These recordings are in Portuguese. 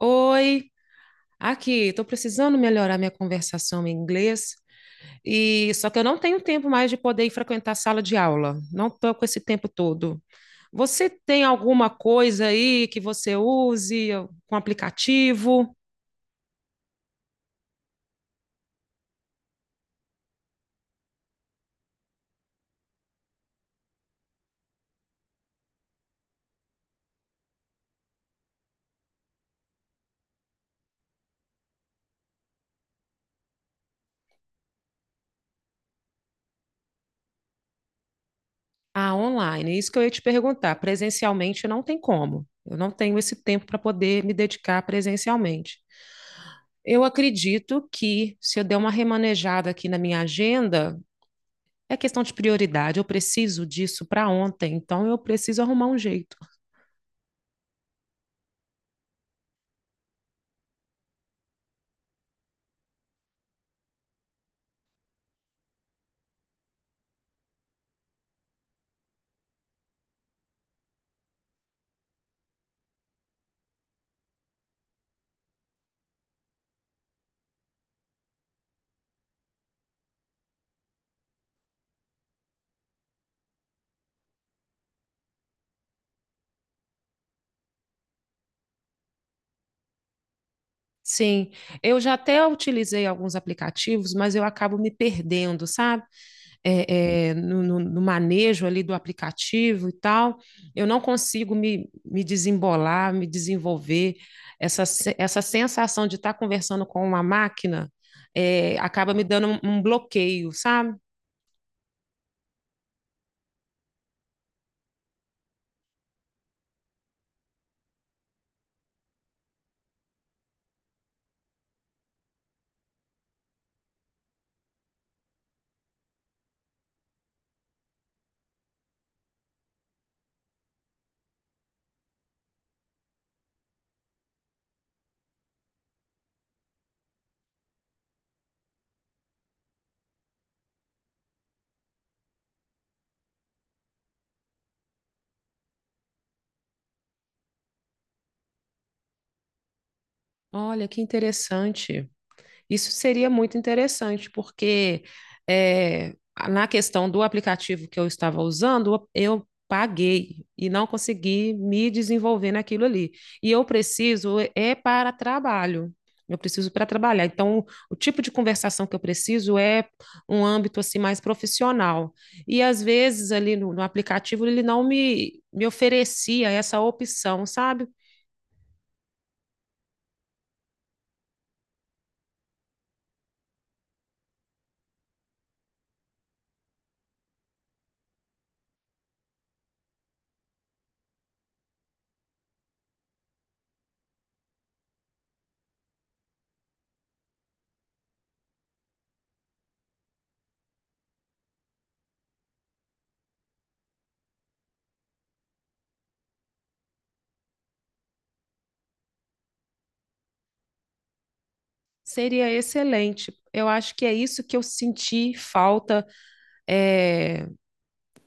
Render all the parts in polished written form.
Oi, aqui, estou precisando melhorar minha conversação em inglês e só que eu não tenho tempo mais de poder ir frequentar a sala de aula. Não estou com esse tempo todo. Você tem alguma coisa aí que você use com aplicativo? Ah, online. Isso que eu ia te perguntar. Presencialmente não tem como. Eu não tenho esse tempo para poder me dedicar presencialmente. Eu acredito que se eu der uma remanejada aqui na minha agenda. É questão de prioridade. Eu preciso disso para ontem, então eu preciso arrumar um jeito. Sim, eu já até utilizei alguns aplicativos, mas eu acabo me perdendo, sabe? No manejo ali do aplicativo e tal. Eu não consigo me desembolar, me desenvolver. Essa, se- Essa sensação de estar conversando com uma máquina, acaba me dando um bloqueio, sabe? Olha, que interessante. Isso seria muito interessante, porque eh, na questão do aplicativo que eu estava usando, eu paguei e não consegui me desenvolver naquilo ali. E eu preciso é para trabalho. Eu preciso para trabalhar. Então, o tipo de conversação que eu preciso é um âmbito assim mais profissional. E às vezes ali no aplicativo ele não me oferecia essa opção, sabe? Seria excelente. Eu acho que é isso que eu senti falta é,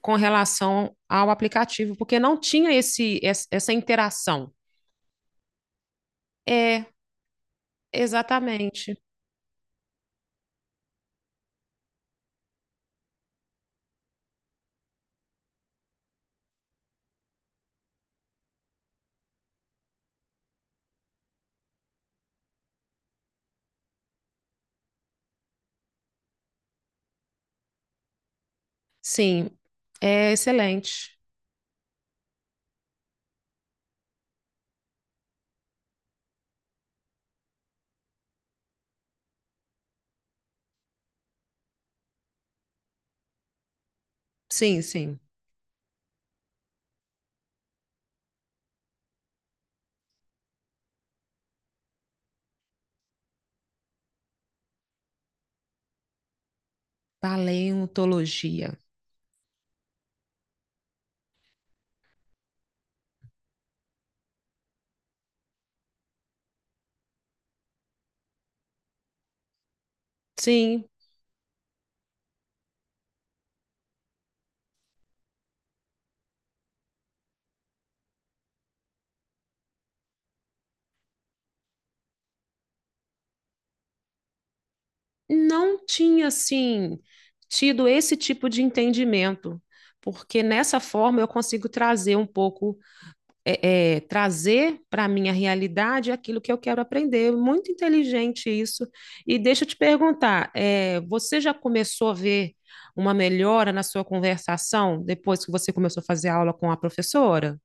com relação ao aplicativo, porque não tinha essa interação. É, exatamente. Sim, é excelente. Sim, sim. Paleontologia. Sim, não tinha, assim, tido esse tipo de entendimento, porque nessa forma eu consigo trazer um pouco trazer para a minha realidade aquilo que eu quero aprender. Muito inteligente isso. E deixa eu te perguntar, é, você já começou a ver uma melhora na sua conversação depois que você começou a fazer aula com a professora?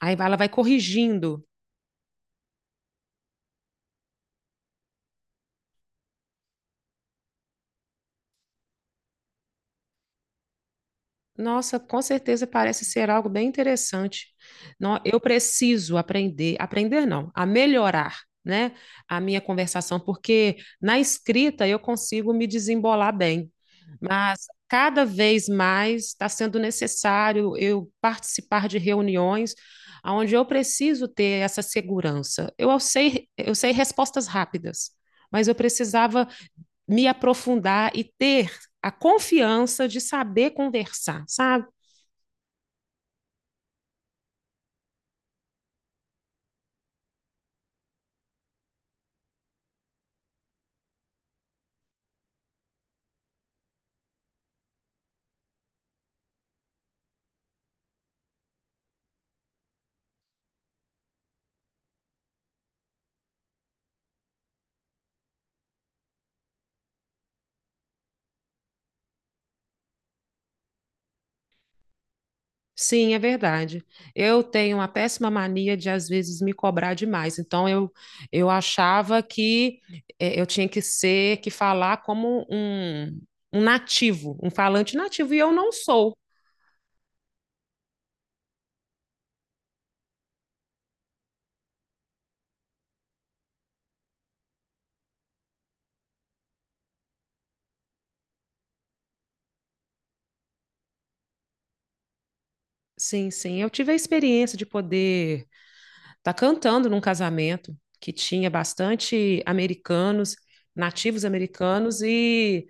Aí ela vai corrigindo. Nossa, com certeza parece ser algo bem interessante. Não, eu preciso aprender não, a melhorar, né, a minha conversação, porque na escrita eu consigo me desembolar bem, mas cada vez mais está sendo necessário eu participar de reuniões onde eu preciso ter essa segurança. Eu sei respostas rápidas, mas eu precisava me aprofundar e ter a confiança de saber conversar, sabe? Sim, é verdade. Eu tenho uma péssima mania de às vezes me cobrar demais. Então eu achava que eu tinha que ser, que falar como um nativo, um falante nativo, e eu não sou. Sim, sim. Eu tive a experiência de poder estar cantando num casamento que tinha bastante americanos, nativos americanos, e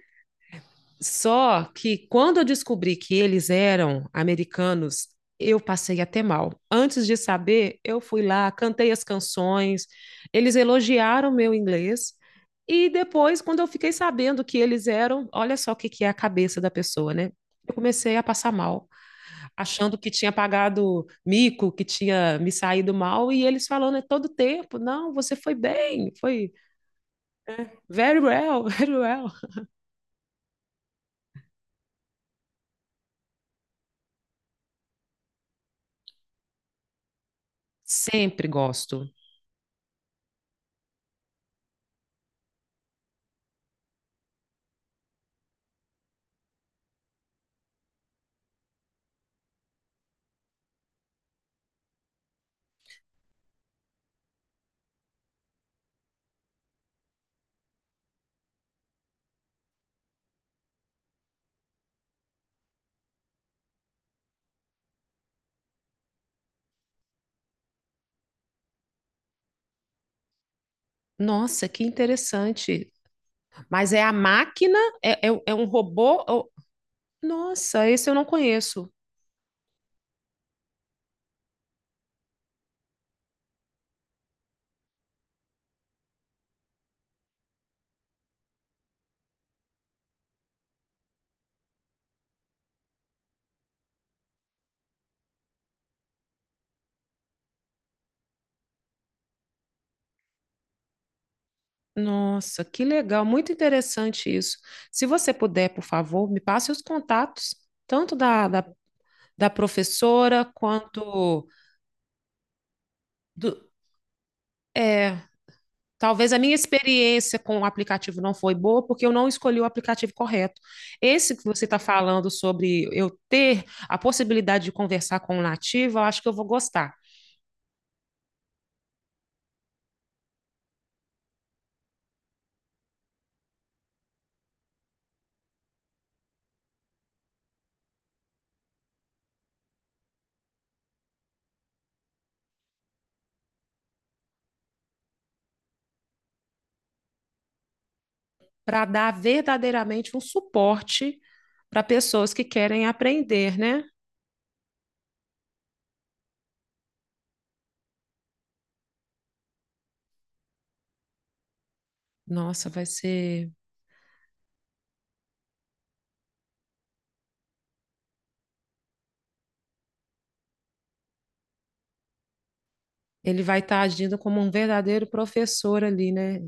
só que quando eu descobri que eles eram americanos, eu passei até mal. Antes de saber, eu fui lá, cantei as canções, eles elogiaram meu inglês. E depois, quando eu fiquei sabendo que eles eram, olha só o que que é a cabeça da pessoa, né? Eu comecei a passar mal, achando que tinha pagado mico, que tinha me saído mal, e eles falando é todo tempo, não, você foi bem, foi very well, very well. Sempre gosto. Nossa, que interessante. Mas é a máquina? É um robô? Ou- nossa, esse eu não conheço. Nossa, que legal, muito interessante isso. Se você puder, por favor, me passe os contatos, tanto da professora quanto do. É, talvez a minha experiência com o aplicativo não foi boa, porque eu não escolhi o aplicativo correto. Esse que você está falando sobre eu ter a possibilidade de conversar com o nativo, eu acho que eu vou gostar. Para dar verdadeiramente um suporte para pessoas que querem aprender, né? Nossa, vai ser. Ele vai estar agindo como um verdadeiro professor ali, né?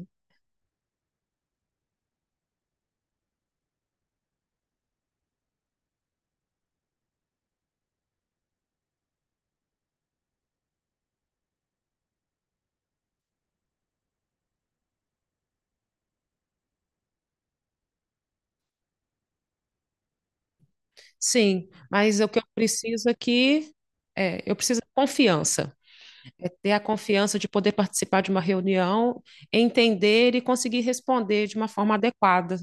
Sim, mas o que eu preciso aqui é, eu preciso de confiança. É ter a confiança de poder participar de uma reunião, entender e conseguir responder de uma forma adequada.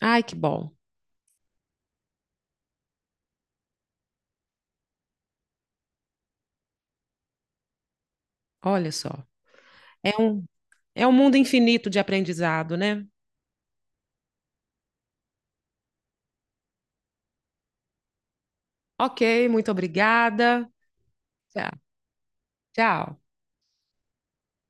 Ai, que bom. Olha só. É um, é um mundo infinito de aprendizado, né? Ok, muito obrigada. Tchau. Tchau.